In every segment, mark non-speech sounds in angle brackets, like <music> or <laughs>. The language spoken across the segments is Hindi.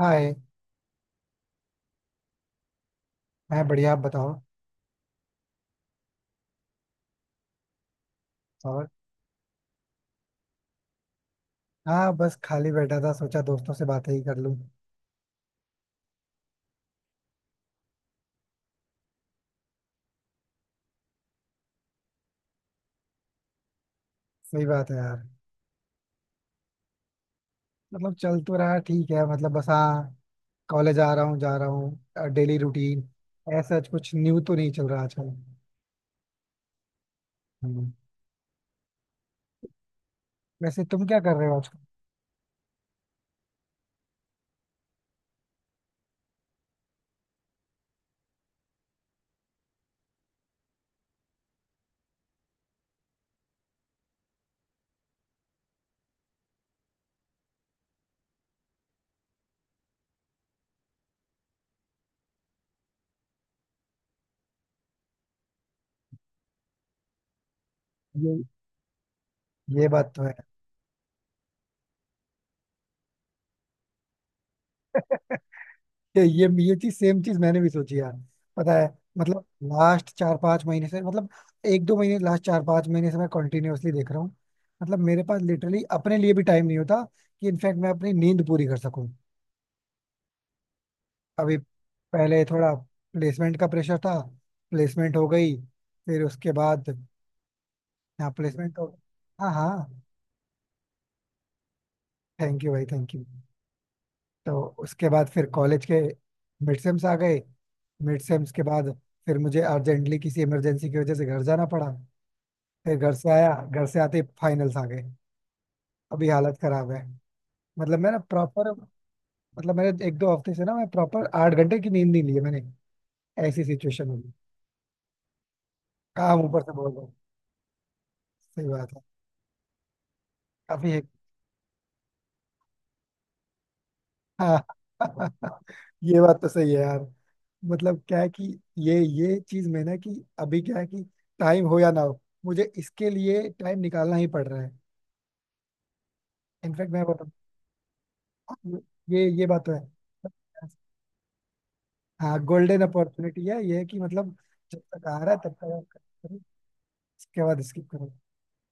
हाय। मैं बढ़िया, आप बताओ। और हाँ बस खाली बैठा था, सोचा दोस्तों से बातें ही कर लूँ। सही बात है यार। मतलब चल तो रहा है, ठीक है, मतलब बस हाँ। कॉलेज आ रहा हूँ, जा रहा हूँ, डेली रूटीन। ऐसा कुछ न्यू तो नहीं चल रहा आजकल। हम्म। वैसे तुम क्या कर रहे हो आजकल? ये ये बात तो है। ये चीज, सेम चीज मैंने भी सोची यार, पता है। मतलब लास्ट 4-5 महीने से, मतलब 1-2 महीने, लास्ट 4-5 महीने से मैं कंटिन्यूअसली देख रहा हूँ। मतलब मेरे पास लिटरली अपने लिए भी टाइम नहीं होता कि इनफैक्ट मैं अपनी नींद पूरी कर सकूं। अभी पहले थोड़ा प्लेसमेंट का प्रेशर था। प्लेसमेंट हो गई, फिर उसके बाद हाँ प्लेसमेंट हो। हाँ हाँ। थैंक यू भाई, थैंक यू। तो उसके बाद फिर कॉलेज के मिड सेम्स आ गए। मिड सेम्स के बाद फिर मुझे अर्जेंटली किसी इमरजेंसी की वजह से घर जाना पड़ा। फिर घर से आया, घर से आते ही फाइनल्स आ गए। अभी हालत खराब है। मतलब मैं ना प्रॉपर, मतलब मैंने 1-2 हफ्ते से ना मैं प्रॉपर 8 घंटे की नींद नहीं ली है मैंने। ऐसी सिचुएशन हो गई। काम ऊपर से बोल रहा हूँ। सही बात है। काफी है। हाँ। <laughs> ये बात तो सही है यार। मतलब क्या है कि ये चीज में ना कि अभी क्या है कि टाइम हो या ना हो, मुझे इसके लिए टाइम निकालना ही पड़ रहा है। इनफैक्ट मैं बताऊँ, ये बात तो है। हाँ गोल्डन अपॉर्चुनिटी है, ये है कि मतलब जब तक आ रहा है तब तक आप करो, उसके बाद स्किप करो।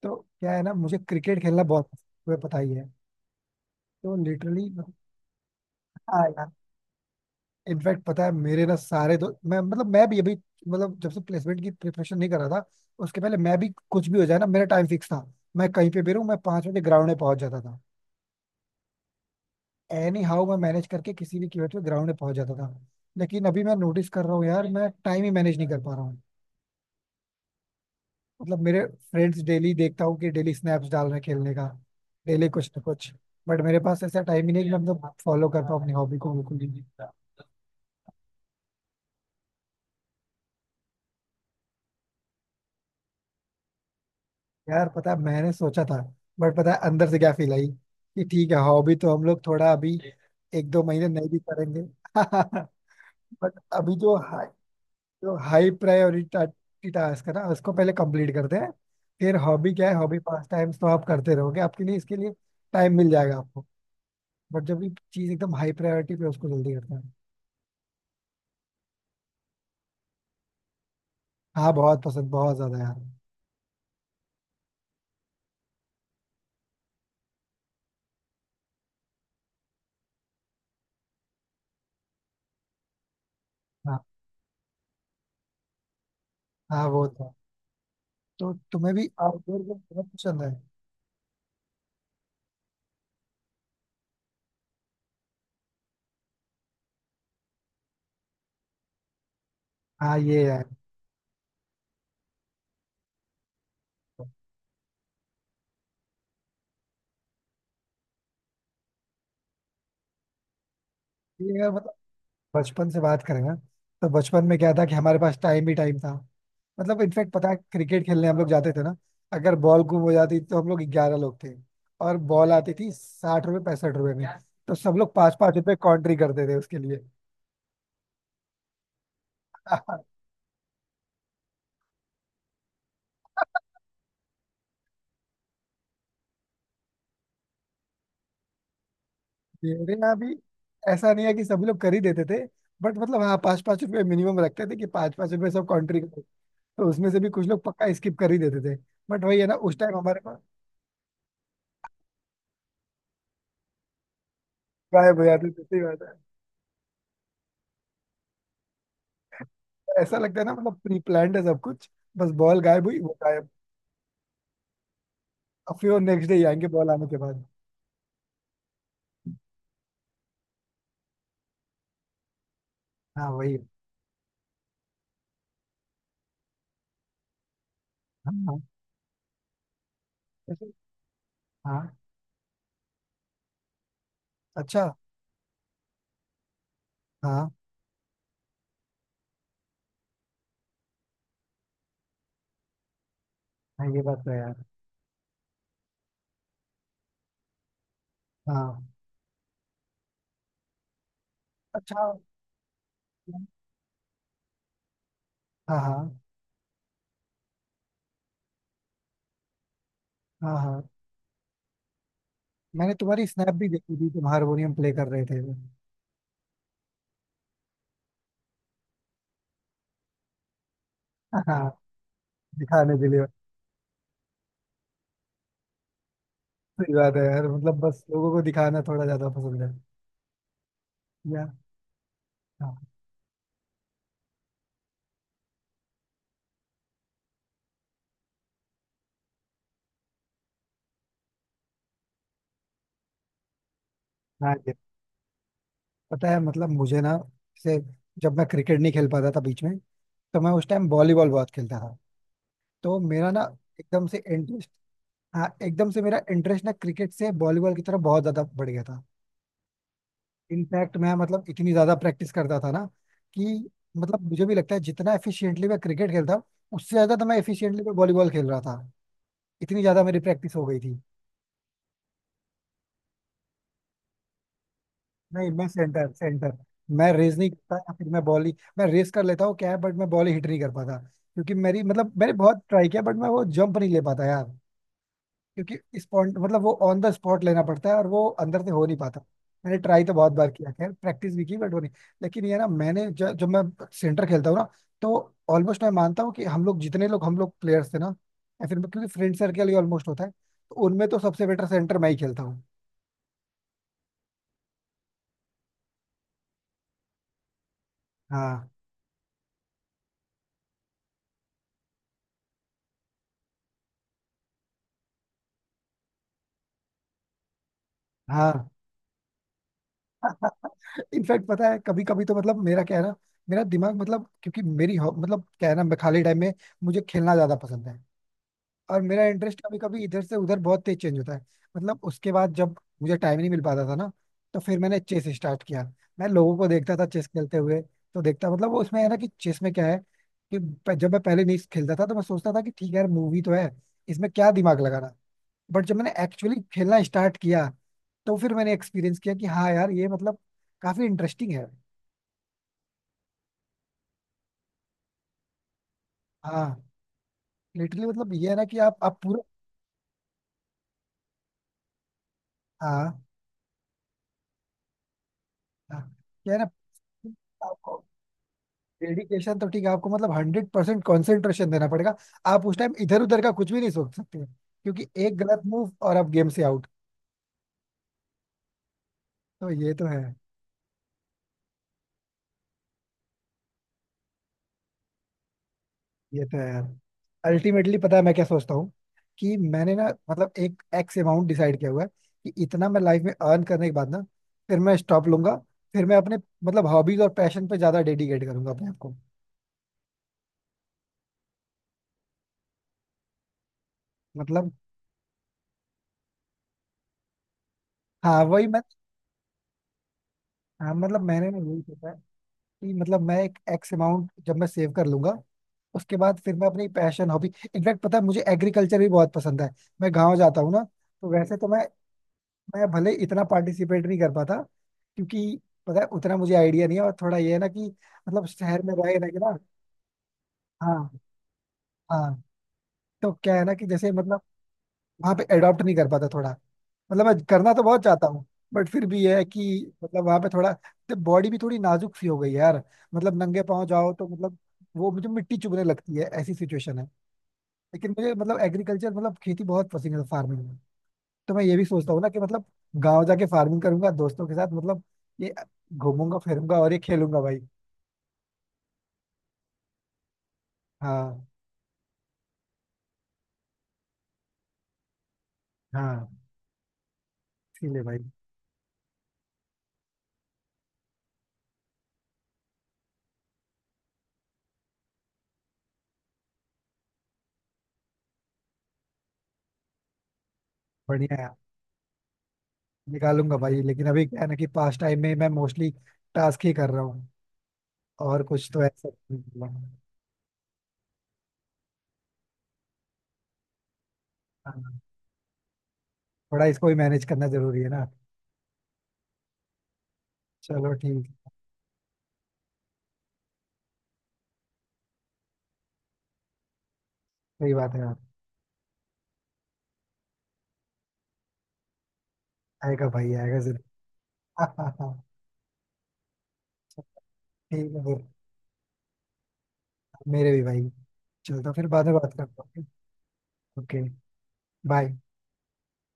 तो क्या है ना, मुझे क्रिकेट खेलना बहुत पसंद है, तुम्हें पता ही है। तो लिटरली मतलब हाँ यार इनफैक्ट पता है, मेरे ना सारे दो मैं मतलब मैं भी अभी, मतलब जब से प्लेसमेंट की प्रिपरेशन नहीं कर रहा था उसके पहले, मैं भी कुछ भी हो जाए ना मेरा टाइम फिक्स था। मैं कहीं पे भी रहूं, मैं 5 बजे ग्राउंड में पहुंच जाता था। एनी हाउ मैं मैनेज करके किसी भी कीमत पे ग्राउंड में पहुंच जाता था। लेकिन अभी मैं नोटिस कर रहा हूँ यार मैं टाइम ही मैनेज नहीं कर पा रहा हूँ। मतलब मेरे फ्रेंड्स, डेली देखता हूँ कि डेली स्नैप्स डाल रहे हैं खेलने का, डेली कुछ ना कुछ। बट मेरे पास ऐसा टाइम ही नहीं कि मैं मतलब फॉलो कर पाऊँ अपनी हॉबी को बिल्कुल भी। यार पता है मैंने सोचा था, बट पता है अंदर से क्या फील आई कि ठीक है हॉबी तो हम लोग थोड़ा अभी 1-2 महीने नहीं भी करेंगे। <laughs> बट अभी जो हाई प्रायोरिटी टास्क है ना उसको पहले कंप्लीट करते हैं। फिर हॉबी क्या है, हॉबी पास टाइम्स तो आप करते रहोगे, आपके लिए इसके लिए टाइम मिल जाएगा आपको। बट जब ये चीज एकदम हाई प्रायोरिटी पे है, उसको जल्दी करते हैं। हाँ बहुत पसंद, बहुत ज्यादा यार। हाँ हाँ वो तो। तो तुम्हें भी आउटडोर गेम बहुत पसंद है। हाँ ये यार, ये है, मतलब बचपन से बात करें ना, तो बचपन में क्या था कि हमारे पास टाइम ही टाइम था। मतलब इनफैक्ट पता है, क्रिकेट खेलने हम लोग जाते थे ना, अगर बॉल गुम हो जाती, तो हम लोग 11 लोग थे और बॉल आती थी 60 रुपए 65 रुपए में, तो सब लोग पाँच पाँच रुपए कॉन्ट्री करते थे उसके लिए। <laughs> हाँ, मेरे यहाँ भी ऐसा नहीं है कि सभी लोग कर ही देते थे, बट मतलब हाँ पाँच पाँच रुपए मिनिमम रखते थे कि पाँच पाँच रुपए सब कॉन्ट्री। तो उसमें से भी कुछ लोग पक्का स्किप कर ही देते थे। बट वही है ना, उस टाइम हमारे पास। गायब हो जाती थी, सही बात है। ऐसा लगता है ना मतलब प्री प्लान्ड है सब कुछ, बस बॉल गायब हुई वो गायब। अब फिर वो नेक्स्ट डे आएंगे बॉल आने के बाद। हाँ वही है। हाँ हाँ। ऐसे- हाँ, अच्छा। हाँ हाँ। ये बात तो है यार। हाँ, अच्छा। हाँ हाँ। हाँ हाँ। मैंने तुम्हारी स्नैप भी देखी थी, तुम हारमोनियम प्ले कर रहे थे। हाँ, दिखाने के लिए। सही बात है यार, मतलब बस लोगों को दिखाना थोड़ा ज्यादा पसंद है। या हाँ। हाँ। पता है मतलब मुझे ना, जैसे जब मैं क्रिकेट नहीं खेल पाता था बीच में, तो मैं उस टाइम वॉलीबॉल बहुत खेलता था। तो मेरा ना एकदम से इंटरेस्ट, हाँ एकदम से मेरा इंटरेस्ट ना क्रिकेट से वॉलीबॉल की तरफ बहुत ज्यादा बढ़ गया था। इनफैक्ट मैं मतलब इतनी ज्यादा प्रैक्टिस करता था ना कि, मतलब मुझे भी लगता है, जितना एफिशिएंटली मैं क्रिकेट खेलता हूँ उससे ज्यादा तो मैं एफिशिएंटली वॉलीबॉल खेल रहा था। इतनी ज्यादा मेरी प्रैक्टिस हो गई थी। नहीं मैं सेंटर, सेंटर। मैं रेस नहीं करता, या फिर मैं बॉल ही, मैं रेस कर लेता हूँ क्या है, बट मैं बॉल ही हिट नहीं कर पाता क्योंकि मेरी मतलब, मैंने बहुत ट्राई किया बट मैं वो जंप नहीं ले पाता यार। क्योंकि स्पॉट मतलब वो ऑन द स्पॉट लेना पड़ता है और वो अंदर से हो नहीं पाता। मैंने ट्राई तो बहुत बार किया, खैर प्रैक्टिस भी की, बट वो नहीं। लेकिन ये ना, जब मैं सेंटर खेलता हूँ ना, तो ऑलमोस्ट मैं मानता हूँ कि हम लोग जितने लोग, हम लोग प्लेयर्स थे ना, या फिर क्योंकि फ्रेंड सर्कल ही ऑलमोस्ट होता है, तो उनमें तो सबसे बेटर सेंटर मैं ही खेलता हूँ। हाँ हाँ। इनफैक्ट पता है कभी कभी तो मतलब मेरा क्या है ना, मेरा दिमाग मतलब, क्योंकि मतलब क्या है ना, मैं खाली टाइम में मुझे खेलना ज्यादा पसंद है, और मेरा इंटरेस्ट कभी कभी इधर से उधर बहुत तेज चेंज होता है। मतलब उसके बाद जब मुझे टाइम नहीं मिल पाता था ना, तो फिर मैंने चेस स्टार्ट किया। मैं लोगों को देखता था चेस खेलते हुए, तो देखता मतलब वो उसमें है ना कि चेस में क्या है कि जब मैं पहले नहीं खेलता था, तो मैं सोचता था कि ठीक है यार, मूवी तो है, इसमें क्या दिमाग लगाना। बट जब मैंने एक्चुअली खेलना स्टार्ट किया, तो फिर मैंने एक्सपीरियंस किया कि हाँ यार, ये मतलब काफी इंटरेस्टिंग है। हाँ लिटरली, मतलब ये है ना कि आप पूरा। हाँ हाँ। क्या है ना, आपको डेडिकेशन तो ठीक है, आपको मतलब 100% कॉन्सेंट्रेशन देना पड़ेगा, आप उस टाइम इधर उधर का कुछ भी नहीं सोच सकते, क्योंकि एक गलत मूव और आप गेम से आउट। तो ये तो है। ये तो है यार। अल्टीमेटली पता है मैं क्या सोचता हूँ कि मैंने ना, मतलब एक एक्स अमाउंट डिसाइड किया हुआ है कि इतना मैं लाइफ में अर्न करने के बाद ना, फिर मैं स्टॉप लूंगा। फिर मैं अपने मतलब हॉबीज और पैशन पे ज्यादा डेडिकेट करूंगा अपने आप को। मतलब हाँ वही मैं, हाँ मतलब मैंने ना यही सोचा है कि मतलब मैं एक एक्स अमाउंट जब मैं सेव कर लूंगा, उसके बाद फिर मैं अपनी पैशन हॉबी, इनफैक्ट पता है मुझे एग्रीकल्चर भी बहुत पसंद है। मैं गाँव जाता हूँ ना, तो वैसे तो मैं भले इतना पार्टिसिपेट नहीं कर पाता क्योंकि पता है उतना मुझे आइडिया नहीं है, और थोड़ा ये है ना कि मतलब शहर में रहे ना कि ना। हाँ। हाँ। तो क्या है ना कि जैसे मतलब वहाँ पे एडॉप्ट नहीं कर पाता थोड़ा, मतलब मैं करना तो बहुत चाहता हूँ, बट फिर भी ये है कि मतलब वहाँ पे थोड़ा बॉडी भी थोड़ी नाजुक सी हो गई है यार। मतलब नंगे पाँव जाओ तो मतलब वो मुझे मिट्टी चुभने लगती है, ऐसी सिचुएशन है। लेकिन मुझे मतलब एग्रीकल्चर, मतलब खेती बहुत पसंद है, फार्मिंग। तो मैं ये भी सोचता हूँ ना कि मतलब गाँव जाके फार्मिंग करूंगा दोस्तों के साथ, मतलब ये घूमूंगा फिरूंगा और ये खेलूंगा भाई। हाँ हाँ। इसीलिए भाई। बढ़िया है, निकालूंगा भाई, लेकिन अभी क्या है ना कि पास टाइम में मैं मोस्टली टास्क ही कर रहा हूँ, और कुछ तो ऐसा नहीं हुआ। हाँ, थोड़ा इसको भी मैनेज करना जरूरी है ना। चलो ठीक। सही बात है यार। आएगा भाई, आएगा जरूर। <laughs> ठीक है फिर, मेरे भी भाई, चलो तो फिर बाद में बात करता हूँ। ओके। बाय।